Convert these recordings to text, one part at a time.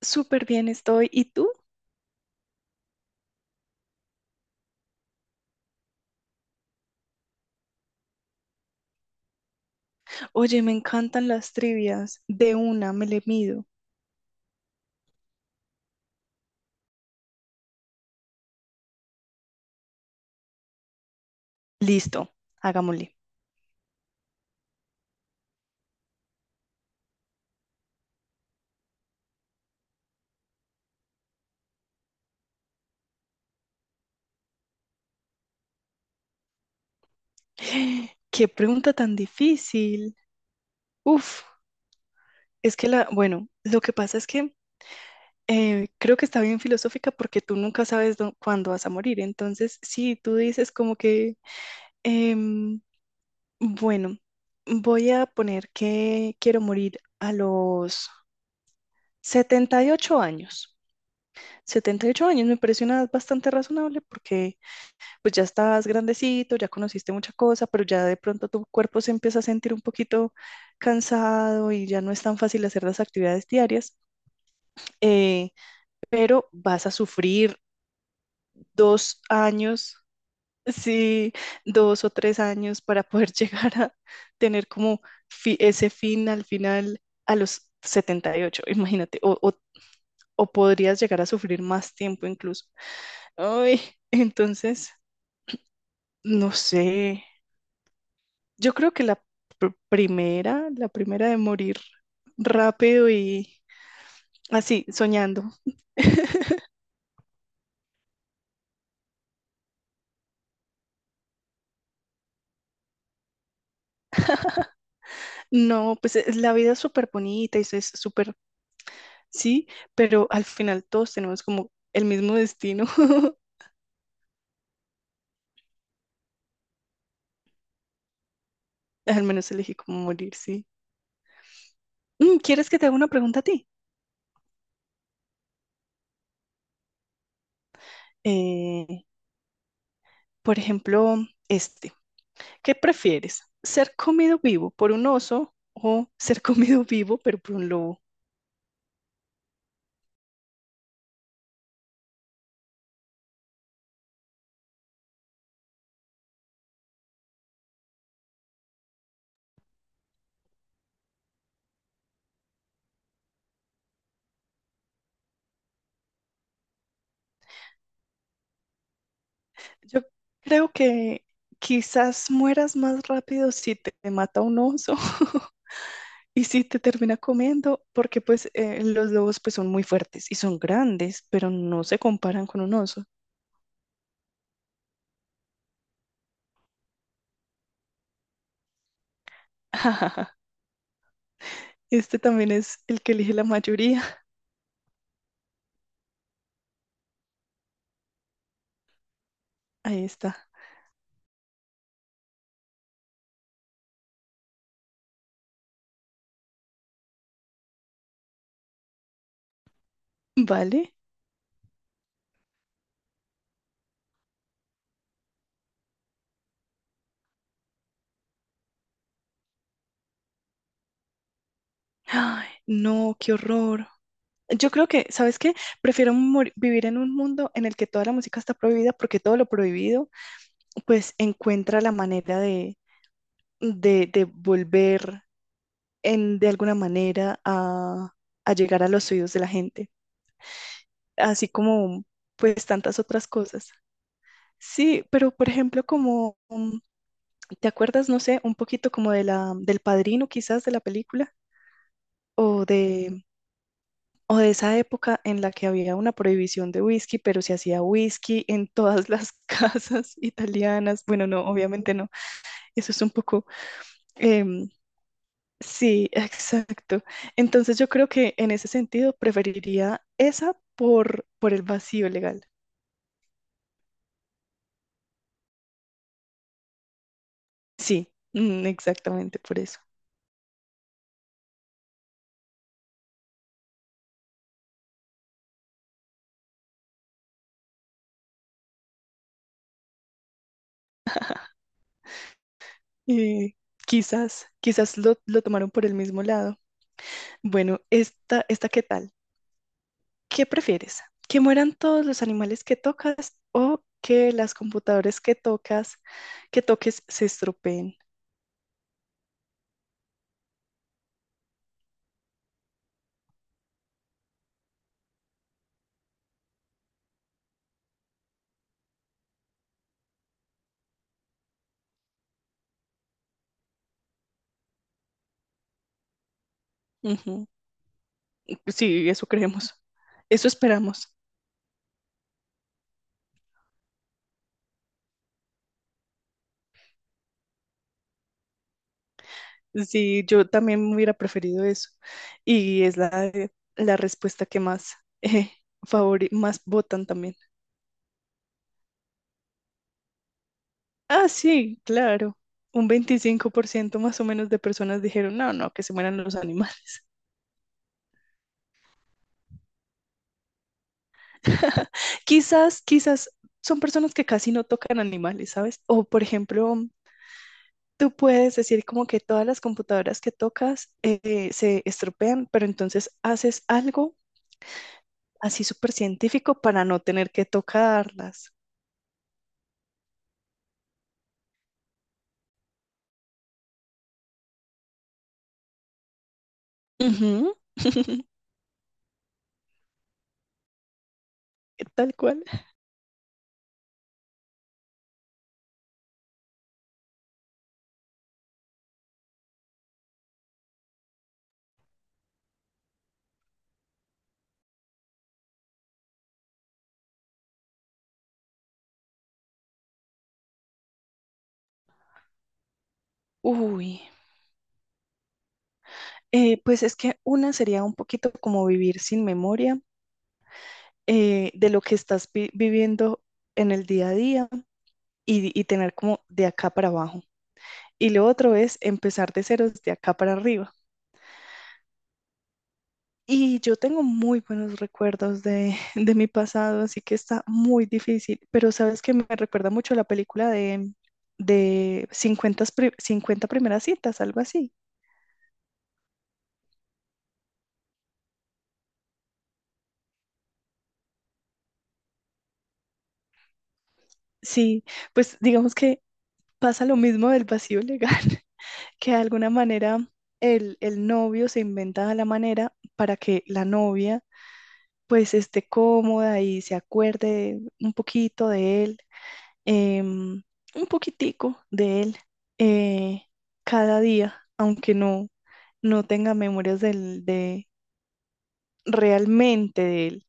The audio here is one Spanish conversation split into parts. Súper bien estoy. ¿Y tú? Oye, me encantan las trivias. De una, me le mido. Listo, hagámosle. Qué pregunta tan difícil. Uf, es que la, bueno, lo que pasa es que creo que está bien filosófica porque tú nunca sabes cuándo vas a morir. Entonces, sí, tú dices como que, em, bueno, voy a poner que quiero morir a los 78 años. 78 años me parece una edad bastante razonable porque pues ya estás grandecito, ya conociste mucha cosa, pero ya de pronto tu cuerpo se empieza a sentir un poquito cansado y ya no es tan fácil hacer las actividades diarias, eh, pero vas a sufrir 2 años, sí, 2 o 3 años para poder llegar a tener como ese fin al final a los 78. Imagínate, o podrías llegar a sufrir más tiempo incluso. Ay, entonces, no sé. Yo creo que la primera de morir rápido y así, soñando. No, pues la vida es súper bonita y es súper, sí, pero al final todos tenemos como el mismo destino. Al menos elegí como morir, sí. Mm, ¿quieres que te haga una pregunta a ti? Eh, por ejemplo, este, ¿qué prefieres? ¿Ser comido vivo por un oso o ser comido vivo pero por un lobo? Yo creo que quizás mueras más rápido si te mata un oso y si te termina comiendo, porque pues los lobos pues son muy fuertes y son grandes, pero no se comparan con un oso. Este también es el que elige la mayoría. Ahí está. Vale. Ay, no, qué horror. Yo creo que, ¿sabes qué? Prefiero vivir en un mundo en el que toda la música está prohibida porque todo lo prohibido pues encuentra la manera de de volver en, de alguna manera a llegar a los oídos de la gente, así como pues tantas otras cosas. Sí, pero por ejemplo, como, ¿te acuerdas, no sé, un poquito como de la, del Padrino quizás de la película? O de, o de esa época en la que había una prohibición de whisky, pero se hacía whisky en todas las casas italianas. Bueno, no, obviamente no. Eso es un poco, em, sí, exacto. Entonces yo creo que en ese sentido preferiría esa por el vacío legal. Sí, mm, exactamente por eso. Eh, Quizás, quizás lo tomaron por el mismo lado. Bueno, esta ¿qué tal? ¿Qué prefieres? ¿Que mueran todos los animales que tocas o que las computadoras que tocas, que toques se estropeen? Ujú. Sí, eso creemos. Eso esperamos. Sí, yo también hubiera preferido eso. Y es la, la respuesta que más, eh, más votan también. Ah, sí, claro. Un 25% más o menos de personas dijeron, no, no, que se mueran los animales. Quizás, quizás son personas que casi no tocan animales, ¿sabes? O, por ejemplo, tú puedes decir como que todas las computadoras que tocas se estropean, pero entonces haces algo así súper científico para no tener que tocarlas. Ujú, tal cual. Uy, pues es que una sería un poquito como vivir sin memoria de lo que estás viviendo en el día a día y tener como de acá para abajo. Y lo otro es empezar de ceros de acá para arriba. Y yo tengo muy buenos recuerdos de, de mi pasado, así que está muy difícil, pero sabes que me recuerda mucho a la película de 50 50 primeras citas, algo así. Sí, pues digamos que pasa lo mismo del vacío legal, que de alguna manera el novio se inventa la manera para que la novia pues esté cómoda y se acuerde un poquito de él, em, un poquitico de él eh, cada día, aunque no, no tenga memorias del, de realmente de él.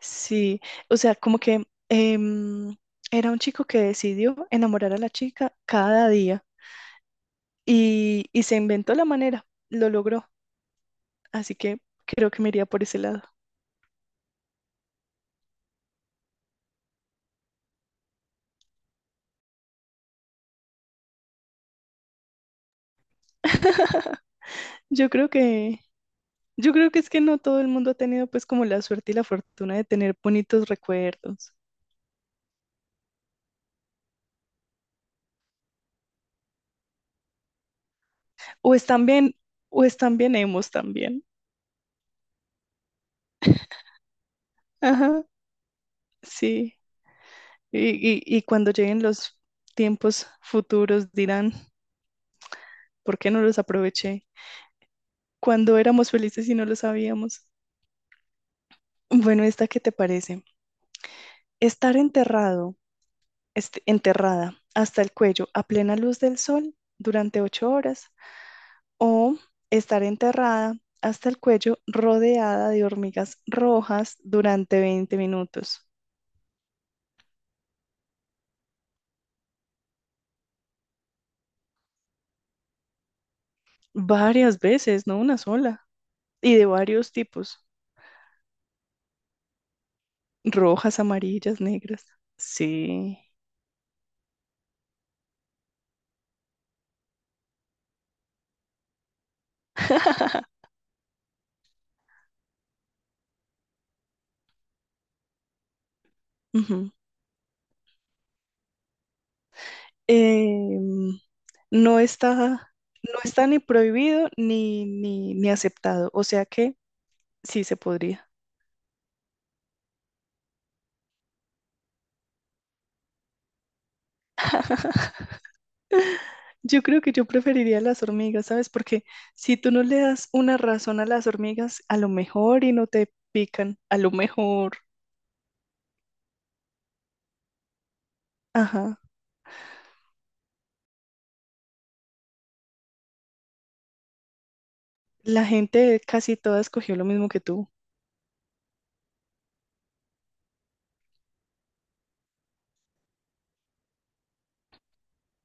Sí, o sea, como que em, era un chico que decidió enamorar a la chica cada día y se inventó la manera, lo logró, así que creo que me iría por ese lado. Yo creo que, yo creo que es que no todo el mundo ha tenido pues como la suerte y la fortuna de tener bonitos recuerdos, o están bien, o están bien hemos también, ajá, sí, y, y cuando lleguen los tiempos futuros dirán, ¿por qué no los aproveché? Cuando éramos felices y no lo sabíamos. Bueno, ¿esta qué te parece? Estar enterrado enterrada hasta el cuello a plena luz del sol durante 8 horas o estar enterrada hasta el cuello rodeada de hormigas rojas durante 20 minutos. Varias veces, no una sola. Y de varios tipos. Rojas, amarillas, negras. Sí. Ujú. Em, no está, no está ni prohibido ni, ni aceptado. O sea que sí se podría. Yo creo que yo preferiría las hormigas, ¿sabes? Porque si tú no le das una razón a las hormigas, a lo mejor y no te pican, a lo mejor. Ajá. La gente casi toda escogió lo mismo que tú.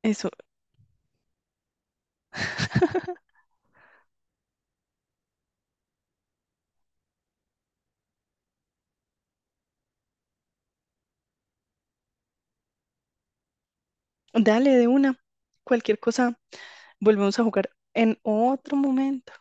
Eso. Dale de una. Cualquier cosa, volvemos a jugar en otro momento.